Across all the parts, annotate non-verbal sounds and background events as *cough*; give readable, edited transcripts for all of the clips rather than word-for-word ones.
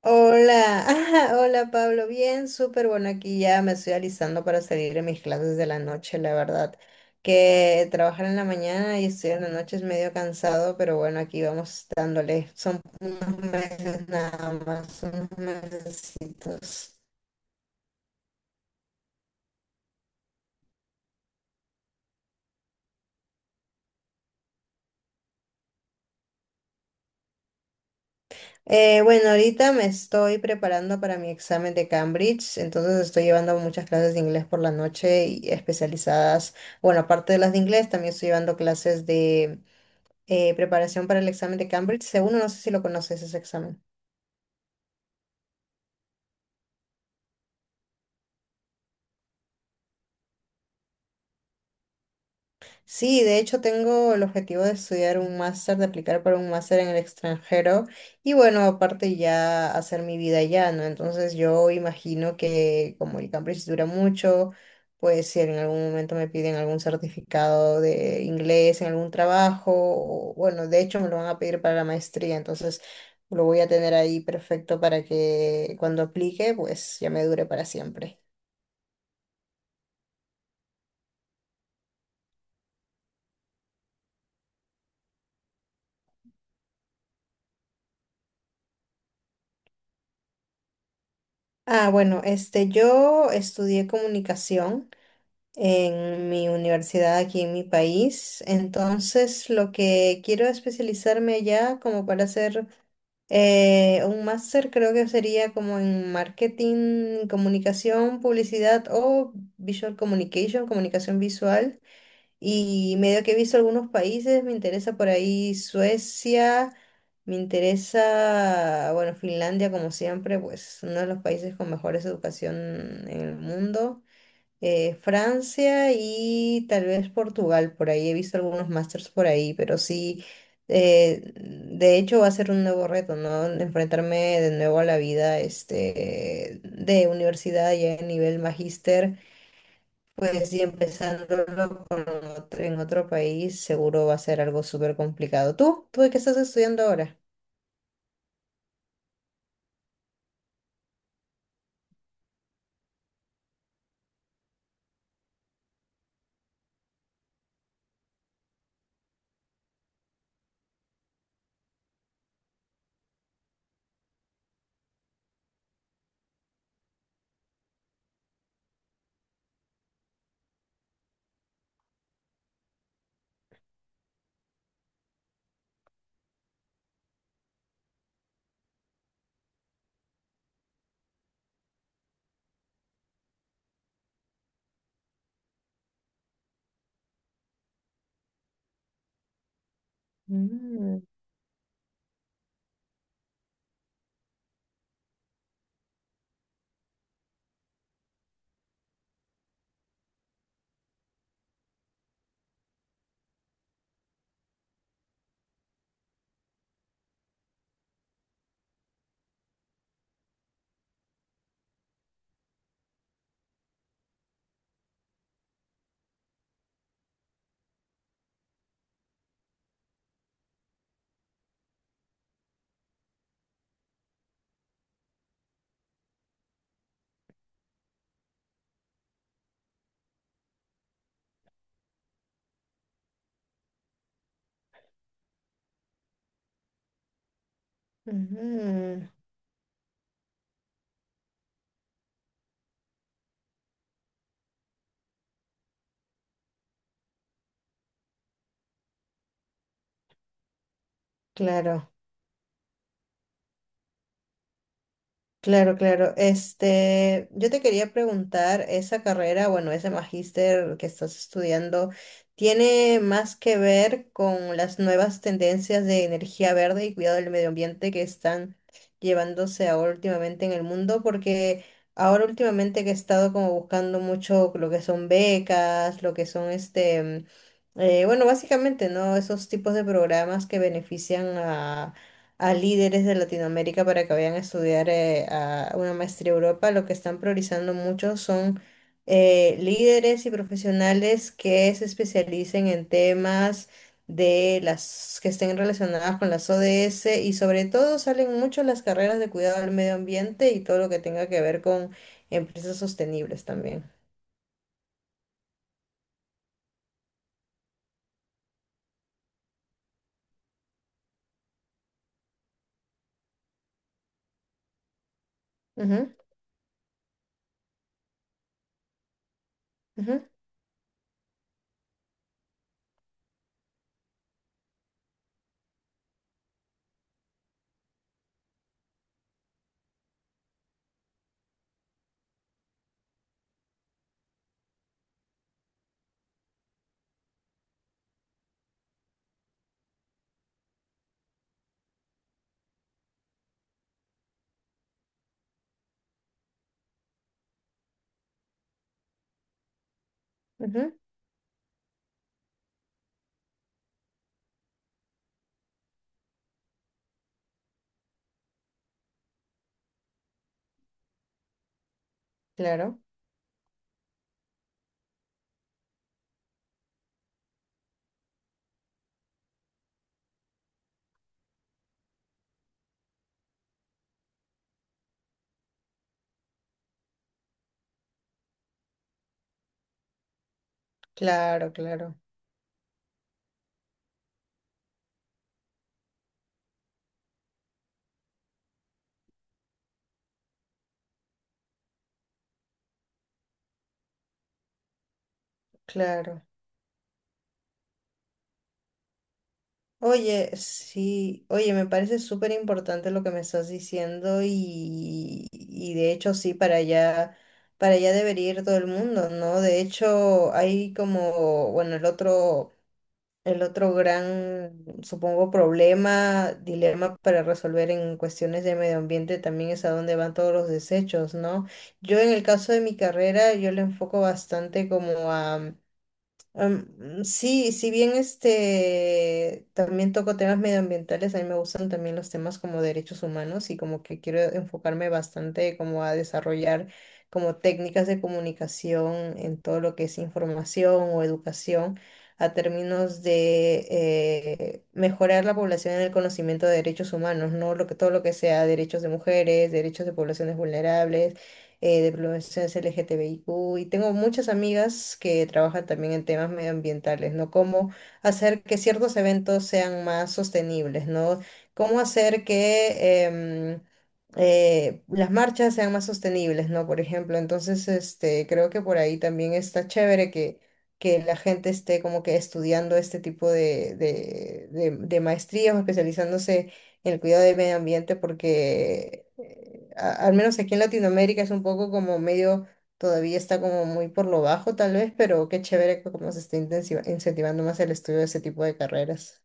Hola, *laughs* hola Pablo, bien, súper bueno, aquí ya me estoy alisando para salir de mis clases de la noche, la verdad, que trabajar en la mañana y estudiar en la noche es medio cansado, pero bueno, aquí vamos dándole, son unos meses nada más, unos mesecitos. Bueno, ahorita me estoy preparando para mi examen de Cambridge, entonces estoy llevando muchas clases de inglés por la noche y especializadas, bueno, aparte de las de inglés, también estoy llevando clases de preparación para el examen de Cambridge. Segundo, no sé si lo conoces ese examen. Sí, de hecho tengo el objetivo de estudiar un máster, de aplicar para un máster en el extranjero y bueno, aparte ya hacer mi vida allá, ¿no? Entonces yo imagino que como el Cambridge dura mucho, pues si en algún momento me piden algún certificado de inglés en algún trabajo, o, bueno, de hecho me lo van a pedir para la maestría, entonces lo voy a tener ahí perfecto para que cuando aplique, pues ya me dure para siempre. Ah, bueno, este, yo estudié comunicación en mi universidad aquí en mi país, entonces lo que quiero especializarme allá como para hacer un máster creo que sería como en marketing, comunicación, publicidad o visual communication, comunicación visual. Y medio que he visto algunos países, me interesa por ahí Suecia, me interesa, bueno, Finlandia como siempre, pues uno de los países con mejores educación en el mundo. Francia y tal vez Portugal, por ahí he visto algunos másters por ahí, pero sí, de hecho va a ser un nuevo reto, ¿no? Enfrentarme de nuevo a la vida, este, de universidad ya a nivel magíster, pues sí, empezándolo con en otro país seguro va a ser algo súper complicado. ¿Tú de qué estás estudiando ahora? Mm. Ujú. Claro. Claro, claro. Este, yo te quería preguntar, esa carrera, bueno, ese magíster que estás estudiando, ¿tiene más que ver con las nuevas tendencias de energía verde y cuidado del medio ambiente que están llevándose ahora últimamente en el mundo? Porque ahora últimamente que he estado como buscando mucho lo que son becas, lo que son este, bueno, básicamente, ¿no? Esos tipos de programas que benefician a líderes de Latinoamérica para que vayan a estudiar a una maestría a Europa. Lo que están priorizando mucho son líderes y profesionales que se especialicen en temas de las que estén relacionadas con las ODS y sobre todo salen mucho las carreras de cuidado del medio ambiente y todo lo que tenga que ver con empresas sostenibles también. Ujú, ujú, ujú. Claro, claro, claro, claro. Oye, sí, oye, me parece súper importante lo que me estás diciendo y de hecho sí, para allá debería ir todo el mundo, ¿no? De hecho, hay como, bueno, el otro gran, supongo, problema, dilema para resolver en cuestiones de medio ambiente también es a dónde van todos los desechos, ¿no? Yo en el caso de mi carrera, yo le enfoco bastante como a. Sí, si bien este también toco temas medioambientales, a mí me gustan también los temas como derechos humanos y como que quiero enfocarme bastante como a desarrollar como técnicas de comunicación en todo lo que es información o educación a términos de mejorar la población en el conocimiento de derechos humanos, ¿no? Lo que, todo lo que sea derechos de mujeres, derechos de poblaciones vulnerables, de poblaciones LGTBIQ, y tengo muchas amigas que trabajan también en temas medioambientales, ¿no? Cómo hacer que ciertos eventos sean más sostenibles, ¿no? Cómo hacer que las marchas sean más sostenibles, ¿no? Por ejemplo, entonces, este, creo que por ahí también está chévere que la gente esté como que estudiando este tipo de maestrías o especializándose el cuidado del medio ambiente porque al menos aquí en Latinoamérica es un poco como medio, todavía está como muy por lo bajo tal vez, pero qué chévere que como se está incentivando más el estudio de ese tipo de carreras.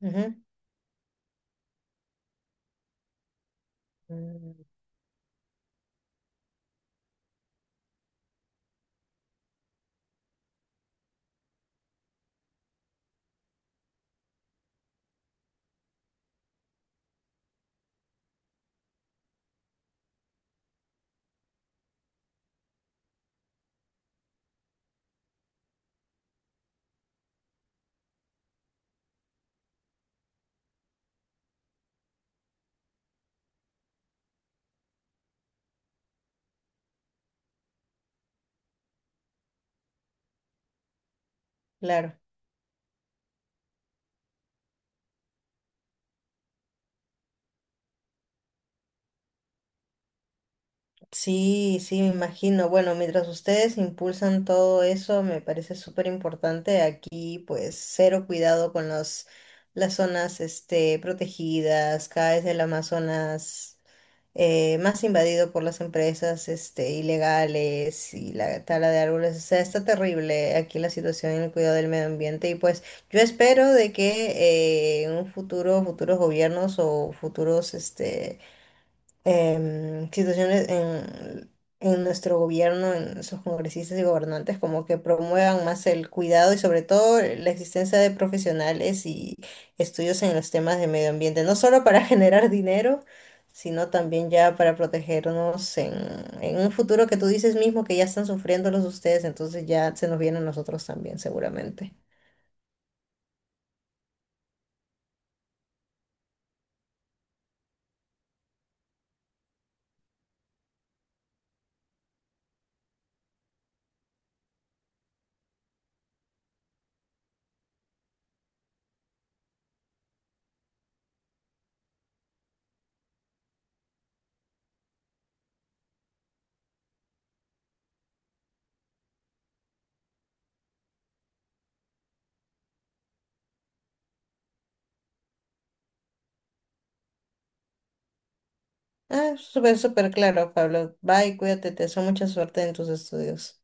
Ujú. Mm. Claro. Sí, sí, me imagino. Bueno, mientras ustedes impulsan todo eso, me parece súper importante. Aquí, pues, cero cuidado con los, las zonas, este, protegidas. Cada vez el Amazonas más invadido por las empresas, este, ilegales y la tala de árboles. O sea, está terrible aquí la situación en el cuidado del medio ambiente. Y pues, yo espero de que en un futuro, futuros gobiernos o futuros, este situaciones en nuestro gobierno, en sus congresistas y gobernantes, como que promuevan más el cuidado y sobre todo la existencia de profesionales y estudios en los temas de medio ambiente, no solo para *laughs* generar dinero, sino también ya para protegernos en un futuro que tú dices mismo que ya están sufriéndolos ustedes, entonces ya se nos viene a nosotros también, seguramente. Ah, súper, súper claro, Pablo. Bye, cuídate, te deseo mucha suerte en tus estudios.